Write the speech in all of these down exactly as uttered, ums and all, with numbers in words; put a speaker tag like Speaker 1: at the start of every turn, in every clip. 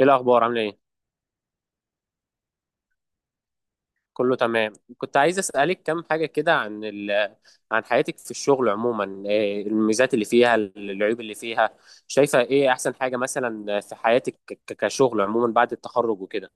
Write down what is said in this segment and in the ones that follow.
Speaker 1: ايه الاخبار؟ عامله ايه؟ كله تمام. كنت عايز اسالك كام حاجه كده عن ال... عن حياتك في الشغل عموما، إيه الميزات اللي فيها، العيوب اللي فيها؟ شايفه ايه احسن حاجه مثلا في حياتك، ك- كشغل عموما بعد التخرج وكده؟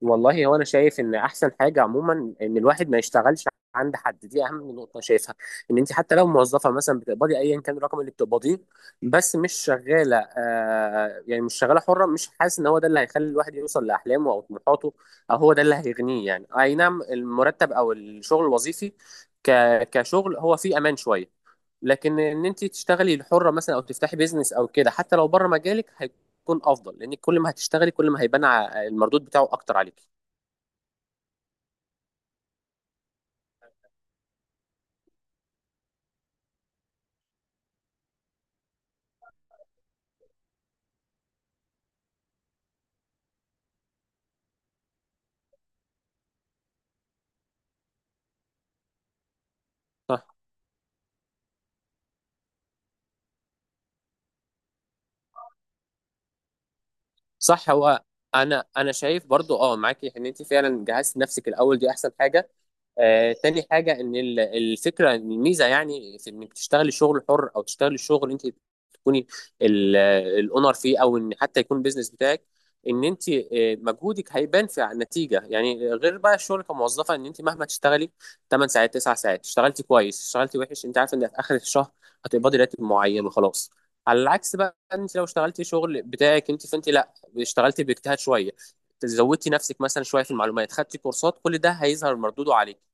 Speaker 1: والله هو انا شايف ان احسن حاجه عموما ان الواحد ما يشتغلش عند حد. دي اهم نقطه أنا شايفها، ان انت حتى لو موظفه مثلا، بتقبضي ايا كان الرقم اللي بتقبضيه، بس مش شغاله، آه يعني مش شغاله حره، مش حاسس ان هو ده اللي هيخلي الواحد يوصل لاحلامه او طموحاته، او هو ده اللي هيغنيه. يعني اي نعم، المرتب او الشغل الوظيفي ك كشغل هو فيه امان شويه، لكن ان انت تشتغلي الحره مثلا او تفتحي بيزنس او كده، حتى لو بره مجالك، تكون افضل، لان كل ما هتشتغلي كل ما هيبان ع- المردود بتاعه اكتر عليكي. صح، صح. هو انا انا شايف برضو، اه معاكي ان انت فعلا جهزت نفسك الاول، دي احسن حاجه. آه، تاني حاجة إن ال- الفكرة، الميزة يعني في إنك تشتغلي شغل حر أو تشتغلي شغل أنت تكوني الأونر فيه، أو إن حتى يكون البيزنس بتاعك، إن أنت آه، مجهودك هيبان في النتيجة، يعني غير بقى الشغل كموظفة، إن أنت مهما تشتغلي تمان ساعات، تسعة ساعات، اشتغلتي كويس، اشتغلتي وحش، أنت عارفة إن في آخر الشهر هتقبضي راتب معين وخلاص. على العكس بقى، أنت لو اشتغلتي شغل بتاعك أنت، فأنت لا، اشتغلتي باجتهاد شوية، زودتي نفسك مثلا شويه في المعلومات، خدتي كورسات، كل ده هيظهر مردوده عليك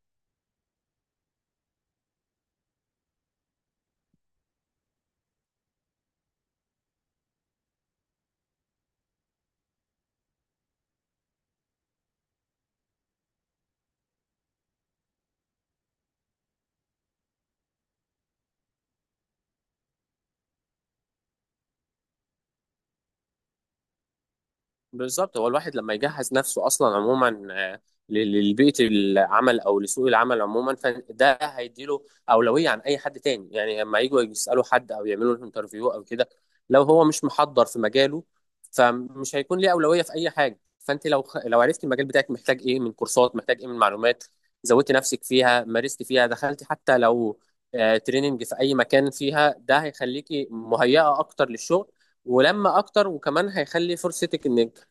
Speaker 1: بالظبط. هو الواحد لما يجهز نفسه اصلا عموما، آه، ل- للبيئه العمل او لسوق العمل عموما، فده هيديله اولويه عن اي حد تاني، يعني لما يجوا يسالوا حد او يعملوا له انترفيو او كده، لو هو مش محضر في مجاله، فمش هيكون ليه اولويه في اي حاجه. فانت لو خ- لو عرفت المجال بتاعك محتاج ايه من كورسات، محتاج ايه من معلومات، زودت نفسك فيها، مارست فيها، دخلت حتى لو آه، تريننج في اي مكان فيها، ده هيخليكي مهيئه اكتر للشغل، ولما اكتر، وكمان هيخلي فرصتك انك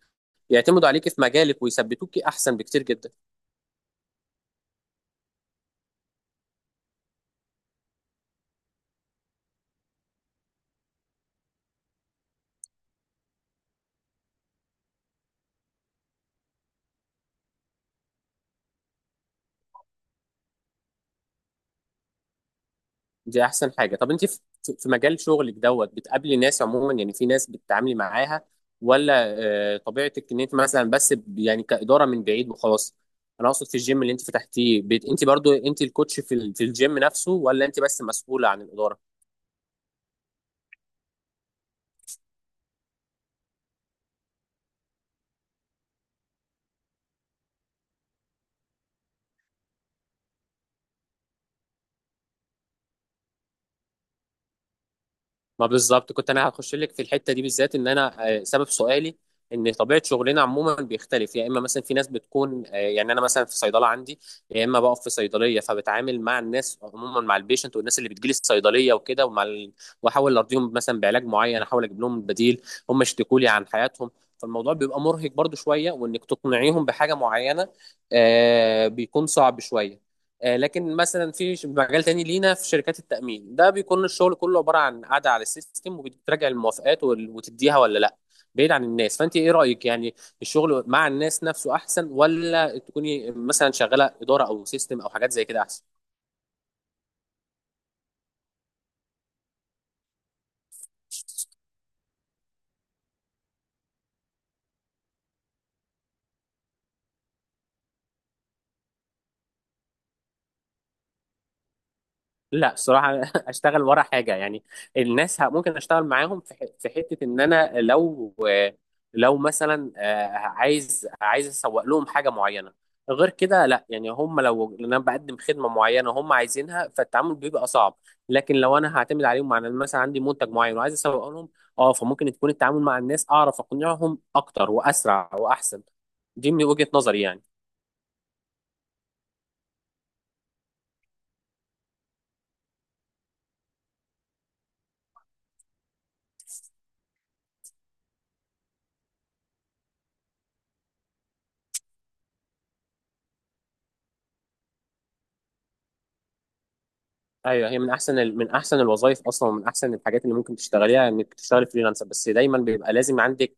Speaker 1: يعتمدوا عليكي في مجالك ويثبتوكي احسن بكتير جدا. دي احسن حاجه. طب انت في في مجال شغلك دوت، بتقابلي ناس عموما يعني، في ناس بتتعاملي معاها ولا آه، طبيعتك ان انت مثلا بس ب- يعني كاداره من بعيد وخلاص؟ انا اقصد في الجيم اللي انت فتحتيه، بت- انت برضو انت الكوتش في ال- في الجيم نفسه، ولا انت بس مسؤوله عن الاداره؟ ما بالظبط، كنت انا هخش لك في الحته دي بالذات. ان انا آه، سبب سؤالي ان طبيعه شغلنا عموما بيختلف. يا اما مثلا في ناس بتكون، آه، يعني انا مثلا في صيدله عندي، يا اما بقف في صيدليه، فبتعامل مع الناس عموما، مع البيشنت والناس اللي بتجيلي الصيدليه وكده، ومع ال... واحاول ارضيهم مثلا بعلاج معين، احاول اجيب لهم بديل، هم يشتكوا لي عن حياتهم، فالموضوع بيبقى مرهق برضو شويه، وانك تقنعيهم بحاجه معينه آه، بيكون صعب شويه. آه، لكن مثلا في ش- مجال تاني لينا، في شركات التأمين، ده بيكون الشغل كله عبارة عن قاعدة على السيستم، وبتراجع الموافقات وال- وتديها ولا لا، بعيد عن الناس. فأنت إيه رأيك يعني؟ الشغل مع الناس نفسه أحسن، ولا تكوني مثلا شغالة إدارة أو سيستم أو حاجات زي كده أحسن؟ لا الصراحة أشتغل ورا حاجة يعني. الناس ه- ممكن أشتغل معاهم في ح- في حتة إن أنا لو لو مثلا آه، عايز عايز أسوق لهم حاجة معينة. غير كده لا، يعني هم لو لأن أنا بقدم خدمة معينة هم عايزينها، فالتعامل بيبقى صعب. لكن لو أنا هعتمد عليهم، مع إن مثلا عندي منتج معين وعايز أسوق لهم، أه فممكن تكون التعامل مع الناس، أعرف أقنعهم أكتر وأسرع وأحسن. دي من وجهة نظري يعني. ايوه، هي من احسن، ال- من احسن الوظائف اصلا ومن احسن الحاجات اللي ممكن تشتغليها، انك تشتغلي فريلانسر. بس دايما بيبقى لازم عندك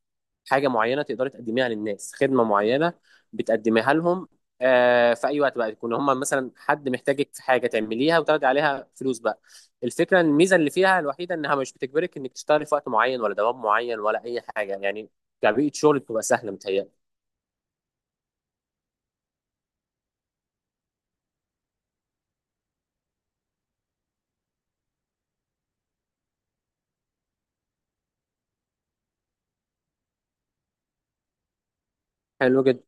Speaker 1: حاجه معينه تقدري تقدميها للناس، خدمه معينه بتقدميها لهم آه في اي وقت بقى يكون هم مثلا، حد محتاجك في حاجه تعمليها وتاخدي عليها فلوس بقى. الفكره، الميزه اللي فيها الوحيده انها مش بتجبرك انك تشتغلي في وقت معين، ولا دوام معين، ولا اي حاجه يعني، كبيئه شغل بتبقى سهله متهيألي. حلو جدا.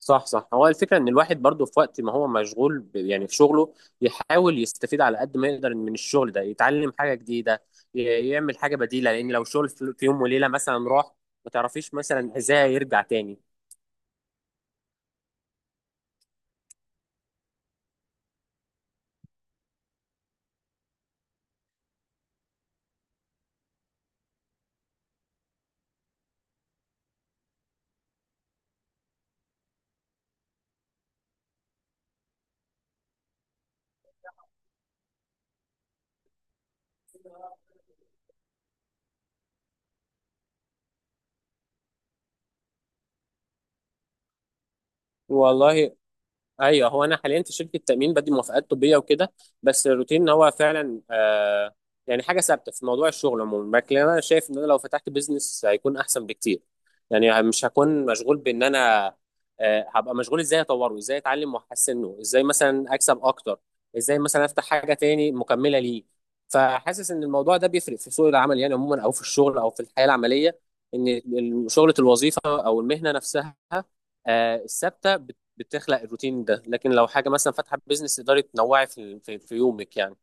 Speaker 1: صح، صح. هو الفكرة ان الواحد برضه في وقت ما هو مشغول ب- يعني في شغله، يحاول يستفيد على قد ما يقدر من الشغل ده، يتعلم حاجة جديدة، ي- يعمل حاجة بديلة، لان لو شغل في في يوم وليلة مثلا راح، ما تعرفيش مثلا ازاي يرجع تاني. والله ايوه، هو انا حاليا في شركه تامين، بدي موافقات طبيه وكده، بس الروتين، ان هو فعلا آه يعني حاجه ثابته في موضوع الشغل عموما. لكن انا شايف ان انا لو فتحت بيزنس هيكون احسن بكتير، يعني مش هكون مشغول بان انا آه هبقى مشغول ازاي اطوره، ازاي اتعلم واحسنه، ازاي مثلا اكسب اكتر، ازاي مثلا افتح حاجه تاني مكمله ليه. فحاسس ان الموضوع ده بيفرق في سوق العمل يعني عموما، او في الشغل، او في الحياه العمليه، ان ال- شغله، الوظيفه او المهنه نفسها آه، الثابته بتخلق الروتين ده، لكن لو حاجه مثلا فاتحه بيزنس، تقدري تنوعي في في, في يومك يعني.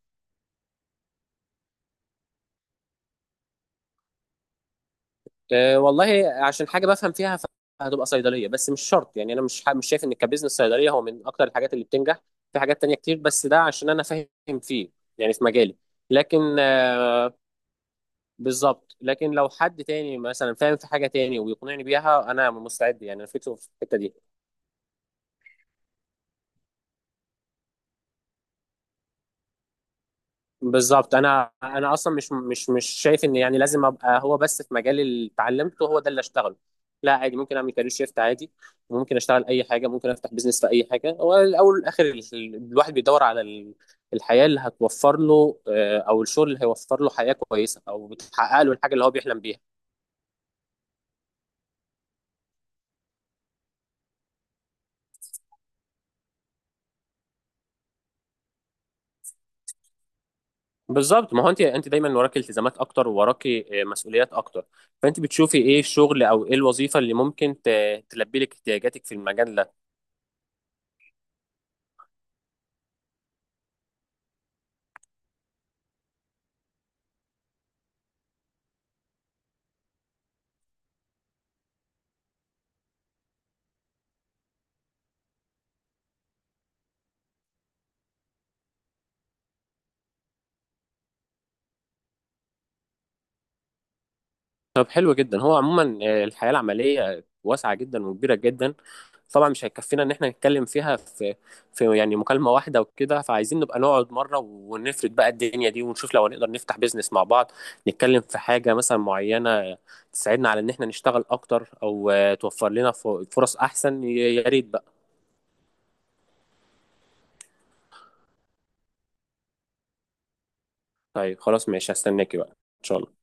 Speaker 1: أه والله، عشان حاجه بفهم فيها، هتبقى صيدليه، بس مش شرط يعني، انا مش ح- مش شايف ان كبزنس صيدليه هو من اكتر الحاجات اللي بتنجح، في حاجات تانية كتير، بس ده عشان انا فاهم فيه، يعني في مجالي. لكن آه، بالظبط، لكن لو حد تاني مثلا فاهم في حاجه تاني ويقنعني بيها، انا مستعد يعني، انا فكره في الحته دي. بالظبط، انا انا اصلا مش مش مش شايف ان، يعني لازم ابقى هو بس في مجال اللي اتعلمته هو ده اللي اشتغله. لا عادي، ممكن اعمل كارير شيفت عادي، ممكن اشتغل اي حاجه، ممكن افتح بيزنس في اي حاجه. هو الاول والاخر ال- ال- الواحد بيدور على ال- الحياه اللي هتوفر له، آه، او الشغل اللي هيوفر له حياه كويسه، او بتحقق له الحاجه اللي هو بيحلم بيها. بالظبط، ما هو انت انت دايما وراكي التزامات اكتر، وراكي آه، مسؤوليات اكتر، فانت بتشوفي ايه الشغل او ايه الوظيفه اللي ممكن ت- تلبي لك احتياجاتك في المجال ده. طب حلو جدا. هو عموما آه، الحياة العملية واسعة جدا وكبيرة جدا، طبعا مش هيكفينا ان احنا نتكلم فيها في في يعني مكالمة واحدة وكده، فعايزين نبقى نقعد مرة ونفرد بقى الدنيا دي، ونشوف لو هنقدر نفتح بيزنس مع بعض، نتكلم في حاجة مثلا معينة تساعدنا على ان احنا نشتغل اكتر، او آه، توفر لنا ف- فرص احسن، يا يا ريت بقى. طيب خلاص، ماشي، هستناكي بقى ان شاء الله.